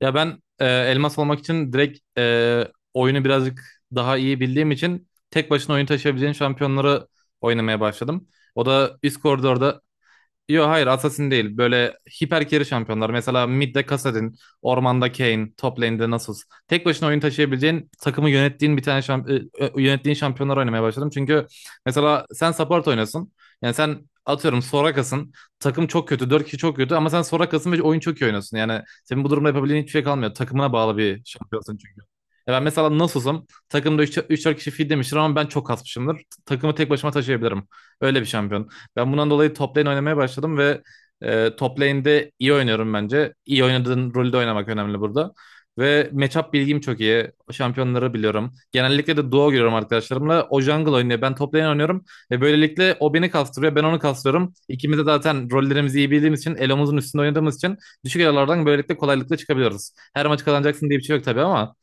Ya ben elmas almak için direkt oyunu birazcık daha iyi bildiğim için tek başına oyun taşıyabileceğin şampiyonları oynamaya başladım. O da üst koridorda... Yok, hayır, Assassin değil. Böyle hiper carry şampiyonlar. Mesela mid'de Kassadin, ormanda Kayn, top lane'de Nasus. Tek başına oyun taşıyabileceğin, takımı yönettiğin bir tane yönettiğin şampiyonlar oynamaya başladım. Çünkü mesela sen support oynasın. Yani sen atıyorum Soraka'sın. Takım çok kötü, 4 kişi çok kötü ama sen Soraka'sın ve oyun çok iyi oynuyorsun. Yani senin bu durumda yapabildiğin hiçbir şey kalmıyor. Takımına bağlı bir şampiyonsun çünkü. Ya ben mesela Nasus'um. Takımda üç 4 kişi feed demiştir ama ben çok kasmışımdır. Takımı tek başıma taşıyabilirim. Öyle bir şampiyon. Ben bundan dolayı top lane oynamaya başladım ve top lane'de iyi oynuyorum bence. İyi oynadığın rolde oynamak önemli burada. Ve matchup bilgim çok iyi. Şampiyonları biliyorum. Genellikle de duo görüyorum arkadaşlarımla. O jungle oynuyor. Ben top lane oynuyorum. Ve böylelikle o beni kastırıyor. Ben onu kastırıyorum. İkimiz de zaten rollerimizi iyi bildiğimiz için, elomuzun üstünde oynadığımız için düşük elolardan böylelikle kolaylıkla çıkabiliyoruz. Her maç kazanacaksın diye bir şey yok tabii ama...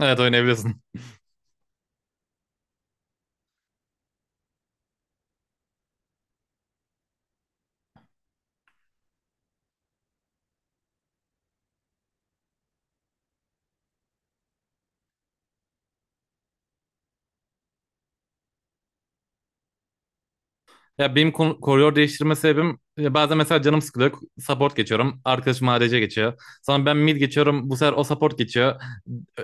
Evet, oynayabiliyorsun. Ya benim koridor değiştirme sebebim bazen mesela canım sıkılıyor. Support geçiyorum. Arkadaşım ADC geçiyor. Sonra ben mid geçiyorum. Bu sefer o support geçiyor.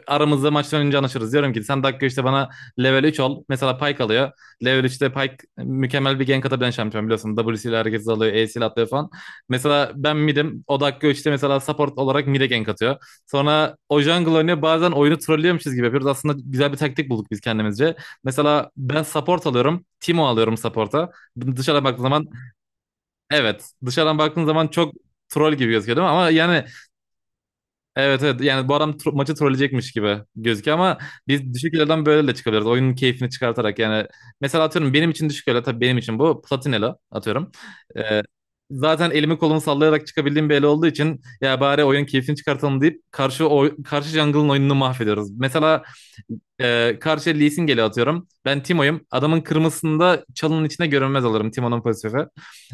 Aramızda maçtan önce anlaşırız. Diyorum ki sen dakika işte bana level 3 ol. Mesela Pyke alıyor. Level üçte Pyke mükemmel bir gank atabilen şampiyon biliyorsun. W'siyle herkes alıyor. E'siyle atlıyor falan. Mesela ben mid'im. O dakika 3'te mesela support olarak mid'e gank atıyor. Sonra o jungle oynuyor. Bazen oyunu trollüyormuşuz gibi yapıyoruz. Aslında güzel bir taktik bulduk biz kendimizce. Mesela ben support alıyorum. Timo alıyorum support'a. Dışarıdan baktığın zaman, evet. Dışarıdan baktığın zaman çok troll gibi gözüküyor değil mi? Ama yani... Evet, evet, yani bu adam maçı trolleyecekmiş gibi gözüküyor ama biz düşük elo'dan böyle de çıkabiliriz. Oyunun keyfini çıkartarak yani mesela atıyorum benim için düşük elo tabii benim için bu Platinelo atıyorum. Ee, zaten elimi kolumu sallayarak çıkabildiğim bir elo olduğu için ya bari oyun keyfini çıkartalım deyip karşı karşı jungle'ın oyununu mahvediyoruz. Mesela karşı Lee Sin geliyor atıyorum ben Timo'yum adamın kırmızısında çalının içine görünmez alırım Timo'nun pasifi.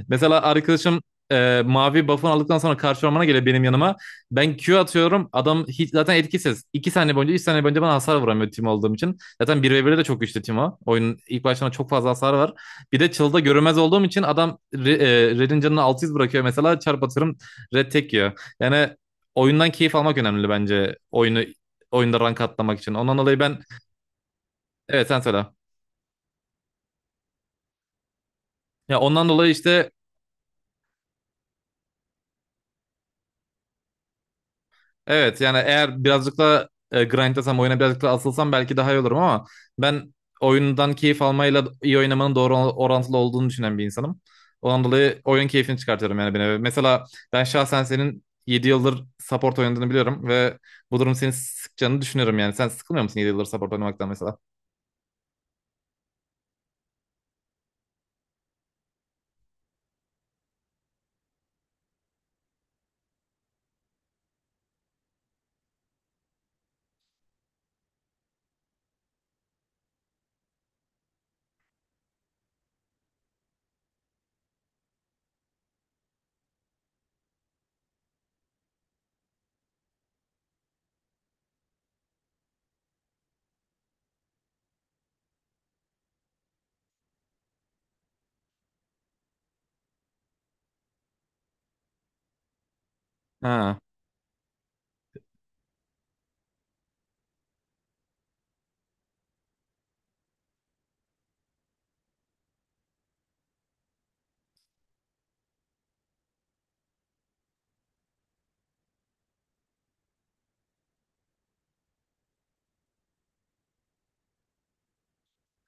Mesela arkadaşım mavi buff'ını aldıktan sonra karşı ormana geliyor benim yanıma. Ben Q atıyorum. Adam hiç zaten etkisiz. 2 saniye boyunca 3 saniye boyunca bana hasar vuramıyor Timo olduğum için. Zaten bir ve 1'de de çok güçlü Timo. Oyunun ilk başlarına çok fazla hasar var. Bir de çılda görünmez olduğum için adam Red'in canını 600 bırakıyor mesela. Çarp atıyorum, Red tek yiyor. Yani oyundan keyif almak önemli bence. Oyunu oyunda rank atlamak için. Ondan dolayı ben... Evet, sen söyle. Ya, ondan dolayı işte... Evet, yani eğer birazcık da grindlasam oyuna birazcık da asılsam belki daha iyi olurum ama ben oyundan keyif almayla iyi oynamanın doğru orantılı olduğunu düşünen bir insanım. Ondan dolayı oyun keyfini çıkartıyorum yani beni. Mesela ben şahsen senin 7 yıldır support oynadığını biliyorum ve bu durum seni sıkacağını düşünüyorum yani. Sen sıkılmıyor musun 7 yıldır support oynamaktan mesela? Ha.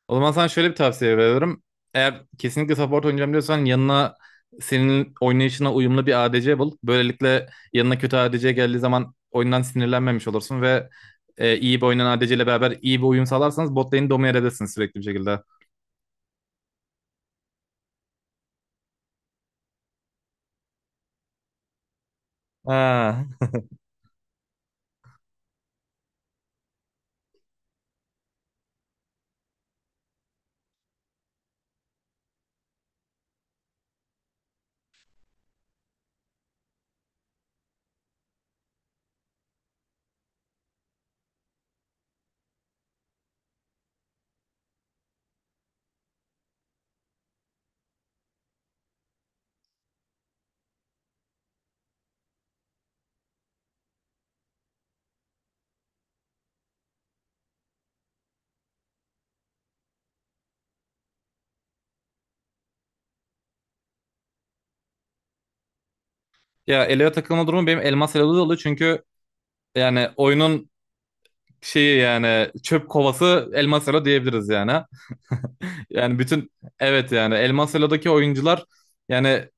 O zaman sana şöyle bir tavsiye veriyorum. Eğer kesinlikle support oynayacağım diyorsan yanına senin oynayışına uyumlu bir ADC bul. Böylelikle yanına kötü ADC geldiği zaman oyundan sinirlenmemiş olursun ve iyi bir oynayan ADC ile beraber iyi bir uyum sağlarsanız bot lane'i domine edersiniz sürekli bir şekilde. Ha. Ya, Elo'ya takılma durumu benim Elmas Elo'da da oluyor çünkü yani oyunun şeyi yani çöp kovası Elmas Elo diyebiliriz yani. Yani bütün... Evet, yani Elmas Elo'daki oyuncular yani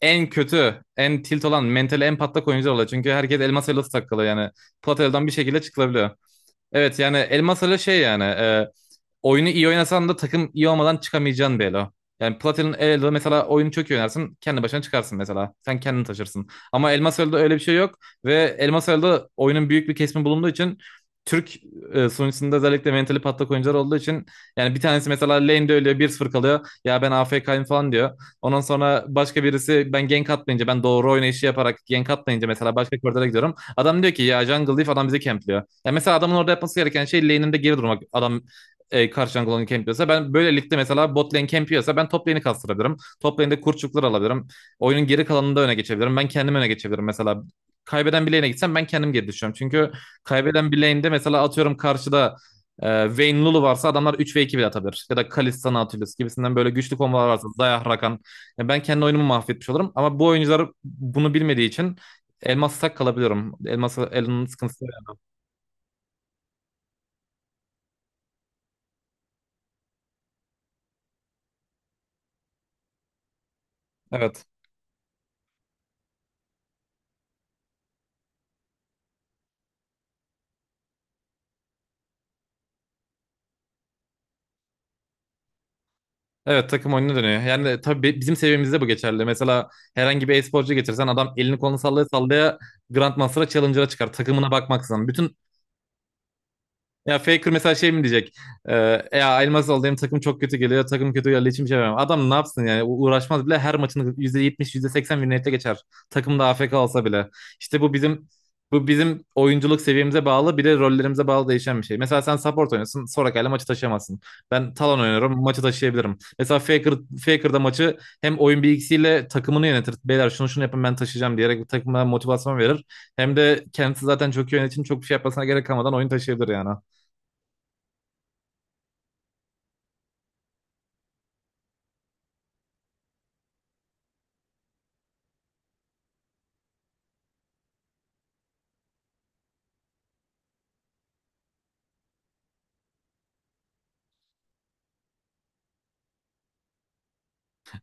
en kötü, en tilt olan, mentali en patlak oyuncular oluyor. Çünkü herkes elmas elması takılı yani. Platel'dan bir şekilde çıkılabiliyor. Evet yani Elmas Ali şey yani oyunu iyi oynasan da takım iyi olmadan çıkamayacağın bir elo. Yani Platin'in Elo'da mesela oyunu çok iyi oynarsın kendi başına çıkarsın mesela. Sen kendini taşırsın. Ama Elmas Elo'da öyle bir şey yok ve Elmas Elo'da oyunun büyük bir kesimi bulunduğu için Türk sunucusunda özellikle mentali patlak oyuncular olduğu için yani bir tanesi mesela lane'de ölüyor 1-0 kalıyor. Ya ben AFK'yim falan diyor. Ondan sonra başka birisi ben gank atmayınca, ben doğru oynayışı yaparak gank atmayınca mesela başka koridora gidiyorum. Adam diyor ki ya jungle diff, adam bizi campliyor. Yani mesela adamın orada yapması gereken şey lane'inde geri durmak. Adam karşı jungle onu campliyorsa ben böyle ligde mesela bot lane campliyorsa ben top lane'i kastırabilirim. Top lane'de kurçuklar alabilirim. Oyunun geri kalanında öne geçebilirim. Ben kendim öne geçebilirim mesela. Kaybeden bir lane'e gitsem ben kendim geri düşüyorum. Çünkü kaybeden bir lane'de mesela atıyorum karşıda Vayne Lulu varsa adamlar 3 ve 2 bile atabilir. Ya da Kalista Nautilus gibisinden böyle güçlü kombolar varsa Dayah Rakan. Yani ben kendi oyunumu mahvetmiş olurum. Ama bu oyuncular bunu bilmediği için Elmas tak kalabiliyorum. Elmas'a Elon'un sıkıntısı. Evet. Evet, takım oyununa dönüyor. Yani tabii bizim seviyemizde bu geçerli. Mesela herhangi bir e-sporcu getirsen adam elini kolunu sallaya sallaya Grandmaster'a Challenger'a çıkar. Takımına bakmaksızın. Bütün... Ya, Faker mesela şey mi diyecek? Ee, ya Elmas alayım takım çok kötü geliyor. Takım kötü geldiği için bir şey yapamam. Adam ne yapsın yani? Uğraşmaz bile, her maçını %70, %80 win geçer. Takım da AFK olsa bile. İşte bu bizim oyunculuk seviyemize bağlı bir de rollerimize bağlı değişen bir şey. Mesela sen support oynuyorsun. Soraka'yla maçı taşıyamazsın. Ben Talon oynuyorum. Maçı taşıyabilirim. Mesela Faker, Faker da maçı hem oyun bilgisiyle takımını yönetir. Beyler şunu şunu yapın, ben taşıyacağım diyerek takımına motivasyon verir. Hem de kendisi zaten çok iyi oynadığı için çok bir şey yapmasına gerek kalmadan oyun taşıyabilir yani.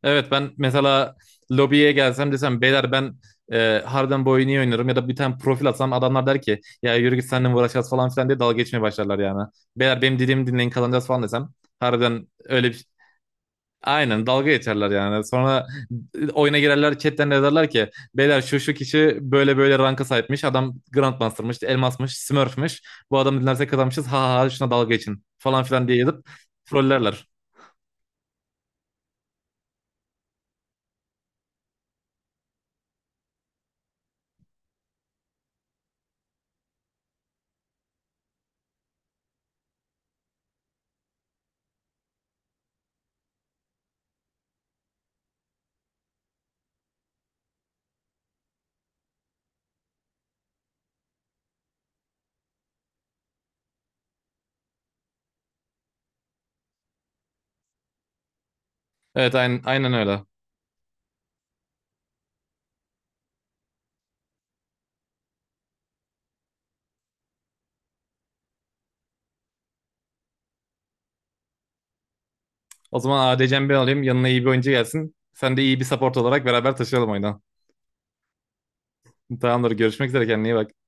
Evet ben mesela lobiye gelsem desem beyler ben Harden Boy'u niye oynuyorum ya da bir tane profil atsam, adamlar der ki ya yürü git seninle mi uğraşacağız falan filan diye dalga geçmeye başlarlar yani. Beyler benim dediğimi dinleyin kazanacağız falan desem, harbiden öyle bir... Aynen, dalga geçerler yani. Sonra oyuna girerler chatten yazarlar ki beyler şu şu kişi böyle böyle ranka sahipmiş. Adam Grandmaster'mış, Elmas'mış, Smurf'mış. Bu adamı dinlersek kazanmışız. Ha ha ha şuna dalga geçin falan filan diye yazıp trollerler. Evet, aynen, aynen öyle. O zaman ADC'mi ben alayım. Yanına iyi bir oyuncu gelsin. Sen de iyi bir support olarak beraber taşıyalım oyunu. Tamamdır. Görüşmek üzere. Kendine iyi bak.